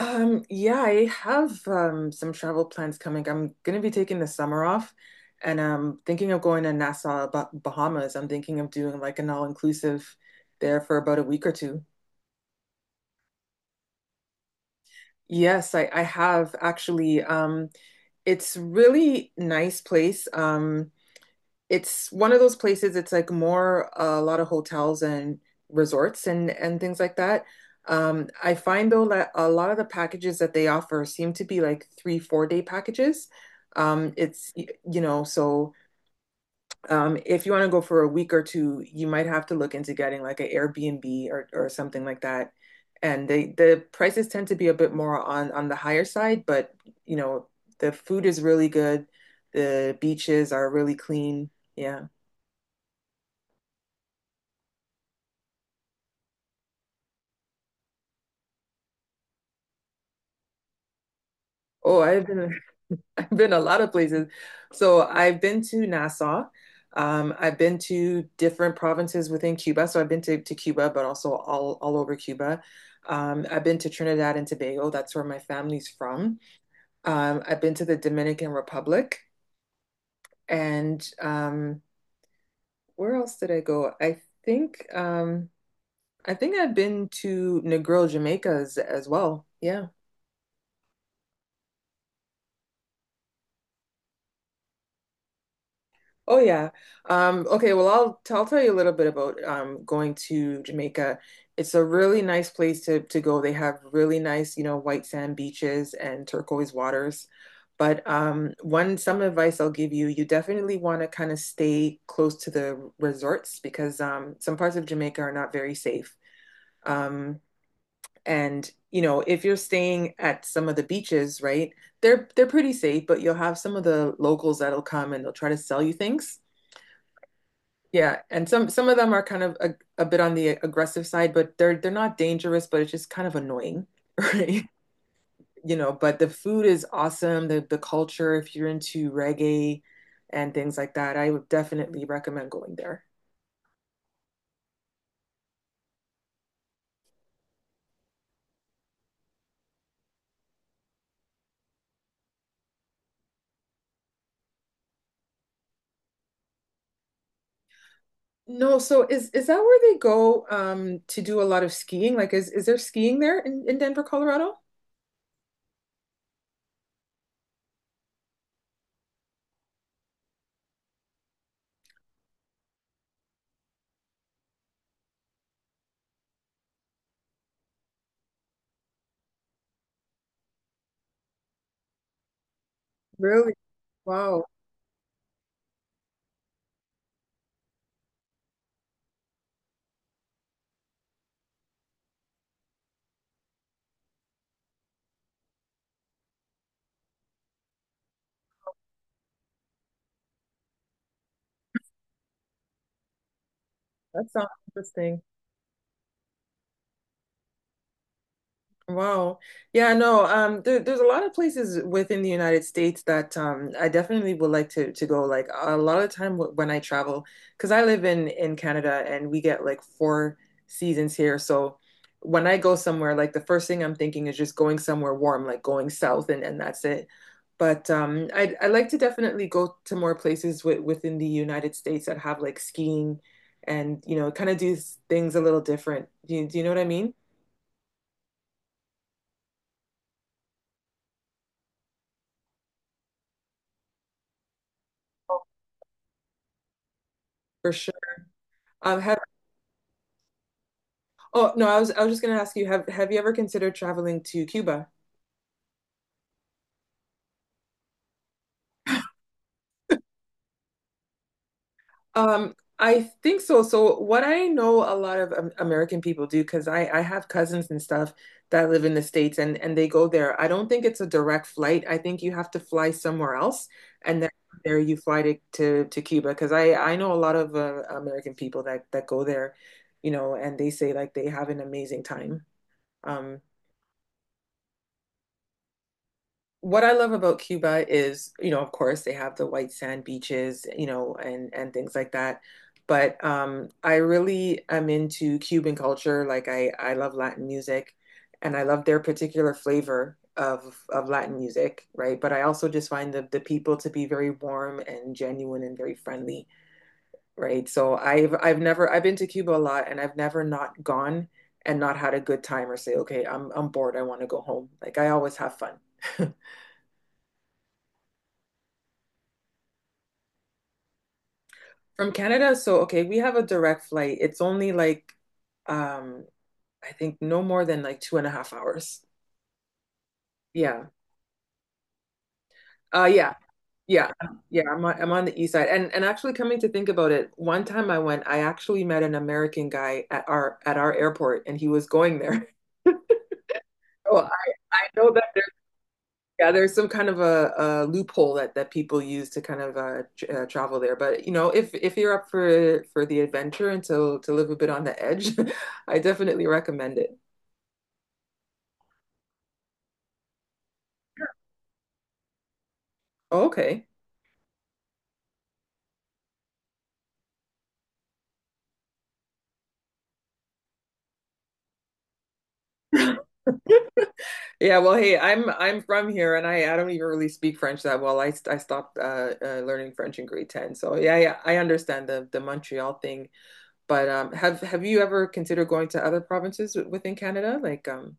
Yeah, I have some travel plans coming. I'm gonna be taking the summer off, and I'm thinking of going to Nassau, Bahamas. I'm thinking of doing like an all-inclusive there for about a week or two. Yes, I have actually. It's really nice place. It's one of those places. It's like more a lot of hotels and resorts and things like that. I find, though, that a lot of the packages that they offer seem to be like three, 4 day packages. It's y- you know, so If you want to go for a week or two, you might have to look into getting like an Airbnb or something like that. And the prices tend to be a bit more on the higher side, but you know, the food is really good. The beaches are really clean. Yeah. Oh, I've been I've been a lot of places. So I've been to Nassau. I've been to different provinces within Cuba. So I've been to Cuba, but also all over Cuba. I've been to Trinidad and Tobago. That's where my family's from. I've been to the Dominican Republic, and, where else did I go? Think um, I think I've been to Negril, Jamaica, as well. Yeah. Oh, yeah. Okay, well, I'll tell you a little bit about going to Jamaica. It's a really nice place to go. They have really nice, white sand beaches and turquoise waters. But one some advice I'll give you: you definitely want to kind of stay close to the resorts, because some parts of Jamaica are not very safe. Um, and if you're staying at some of the beaches, right, they're pretty safe, but you'll have some of the locals that'll come, and they'll try to sell you things. Yeah, and some of them are kind of a bit on the aggressive side, but they're not dangerous, but it's just kind of annoying, right? But the food is awesome, the culture, if you're into reggae and things like that, I would definitely recommend going there. No, so is that where they go, to do a lot of skiing? Like, is there skiing there in Denver, Colorado? Really? Wow, that sounds interesting. Wow. Yeah, no, there's a lot of places within the United States that, I definitely would like to go. Like, a lot of the time, when I travel, because I live in Canada, and we get like four seasons here. So when I go somewhere, like, the first thing I'm thinking is just going somewhere warm, like going south, and that's it. But I like to definitely go to more places within the United States that have like skiing, and kind of do things a little different. Do you know what I mean? For sure. Have Oh, no, I was just gonna ask you, have you ever considered traveling to Cuba? I think so. So, what I know a lot of American people do, because I have cousins and stuff that live in the States, and they go there. I don't think it's a direct flight. I think you have to fly somewhere else, and then from there you fly to Cuba. Because I know a lot of American people that go there, and they say like they have an amazing time. Um, what I love about Cuba is, you know, of course they have the white sand beaches, you know, and things like that. But I really am into Cuban culture. Like, I love Latin music, and I love their particular flavor of Latin music, right? But I also just find the people to be very warm and genuine and very friendly, right? So I've never I've been to Cuba a lot, and I've never not gone and not had a good time, or say, okay, I'm bored, I want to go home. Like, I always have fun. From Canada, so, okay, we have a direct flight. It's only like, um I think, no more than like 2.5 hours. Yeah. Yeah. Yeah. Yeah, I'm on the east side. And, actually, coming to think about it, one time I went, I actually met an American guy at our airport, and he was going there. Oh, I know that. Yeah, there's some kind of a loophole that people use to kind of tr travel there. But you know, if you're up for the adventure and to live a bit on the edge, I definitely recommend it. Oh, okay. Yeah, well, hey, I'm from here, and I don't even really speak French that well. I stopped learning French in grade 10, so, yeah, yeah, I understand the Montreal thing. But have you ever considered going to other provinces, within Canada, like?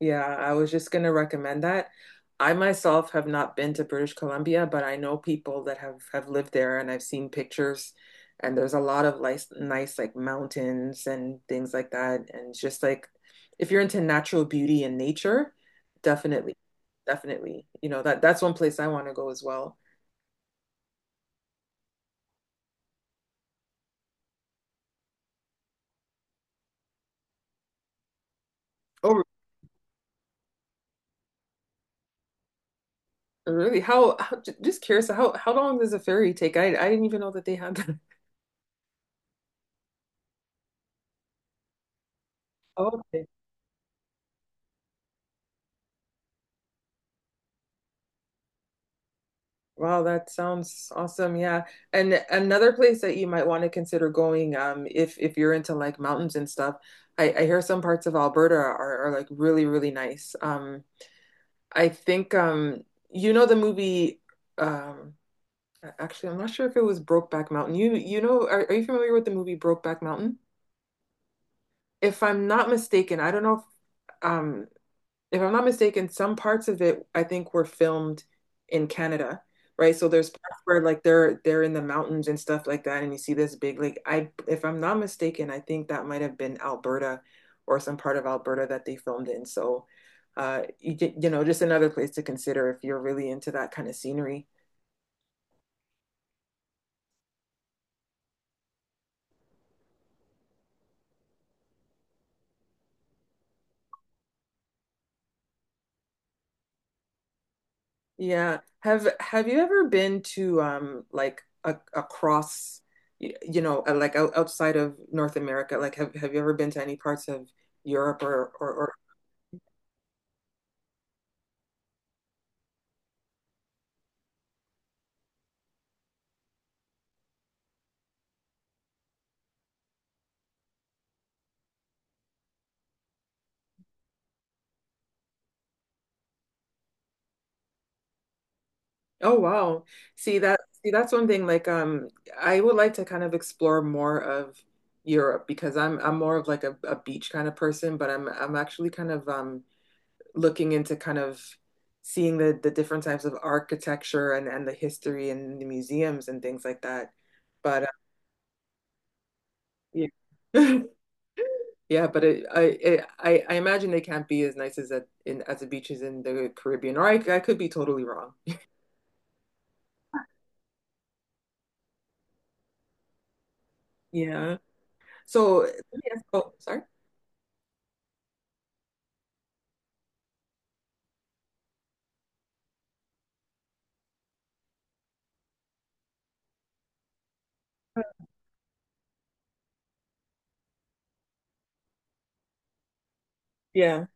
Yeah, I was just going to recommend that. I myself have not been to British Columbia, but I know people that have lived there, and I've seen pictures, and there's a lot of nice, nice, like, mountains and things like that. And it's just like, if you're into natural beauty and nature, definitely, definitely. You know, that's one place I want to go as well. Oh, really? How Just curious, how long does a ferry take? I didn't even know that they had that. Oh. Wow, that sounds awesome. Yeah. And another place that you might want to consider going, if, you're into like mountains and stuff: I hear some parts of Alberta are like really, really nice. I think you know um Actually, I'm not sure if it was Brokeback Mountain. Are, you familiar with the movie Brokeback Mountain? If I'm not mistaken, I don't know if, um if I'm not mistaken, some parts of it, I think, were filmed in Canada, right? So there's parts where, like, they're in the mountains and stuff like that, and you see this big, like, I if I'm not mistaken, I think that might have been Alberta or some part of Alberta that they filmed in. So, uh you, you know, just another place to consider if you're really into that kind of scenery. Yeah. Have you ever been to, like, a across, like, outside of North America? Like, have you ever been to any parts of Europe or Oh, wow. See, that's one thing, like, I would like to kind of explore more of Europe, because I'm more of like a beach kind of person, but I'm actually kind of, looking into kind of seeing the different types of architecture, and the history, and the museums, and things like that. But... Yeah. Yeah, but I imagine they can't be as nice as at in as the beaches in the Caribbean, or I could be totally wrong. Yeah. So, oh, sorry. Yeah.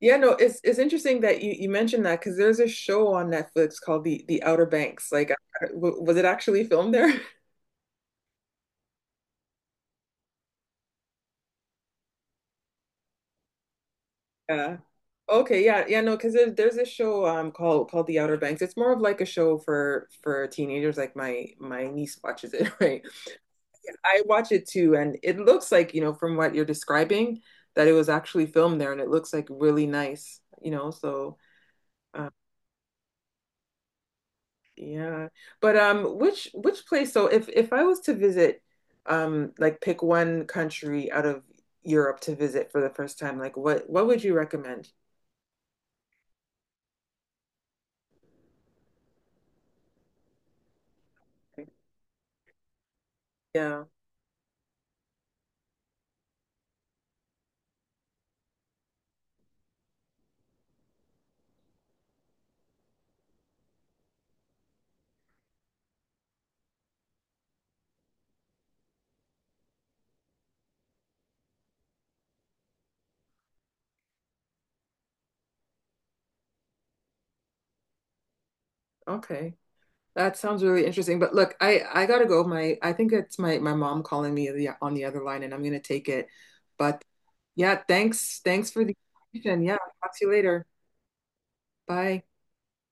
Yeah, no, it's interesting that you mentioned that, because there's a show on Netflix called The Outer Banks. Like, was it actually filmed there? Yeah. Okay. Yeah. Yeah. No, because there's a show, called The Outer Banks. It's more of like a show for teenagers. Like, my niece watches it, right? I watch it too, and it looks like, from what you're describing, that it was actually filmed there, and it looks like really nice. So, uh, yeah. But which place? So, if I was to visit, like, pick one country out of Europe to visit for the first time, like, what would you recommend? Yeah. Okay. That sounds really interesting. But look, I gotta go. My I think it's my mom calling me on the other line, and I'm gonna take it. But yeah, thanks for the information. Yeah, talk to you later. Bye.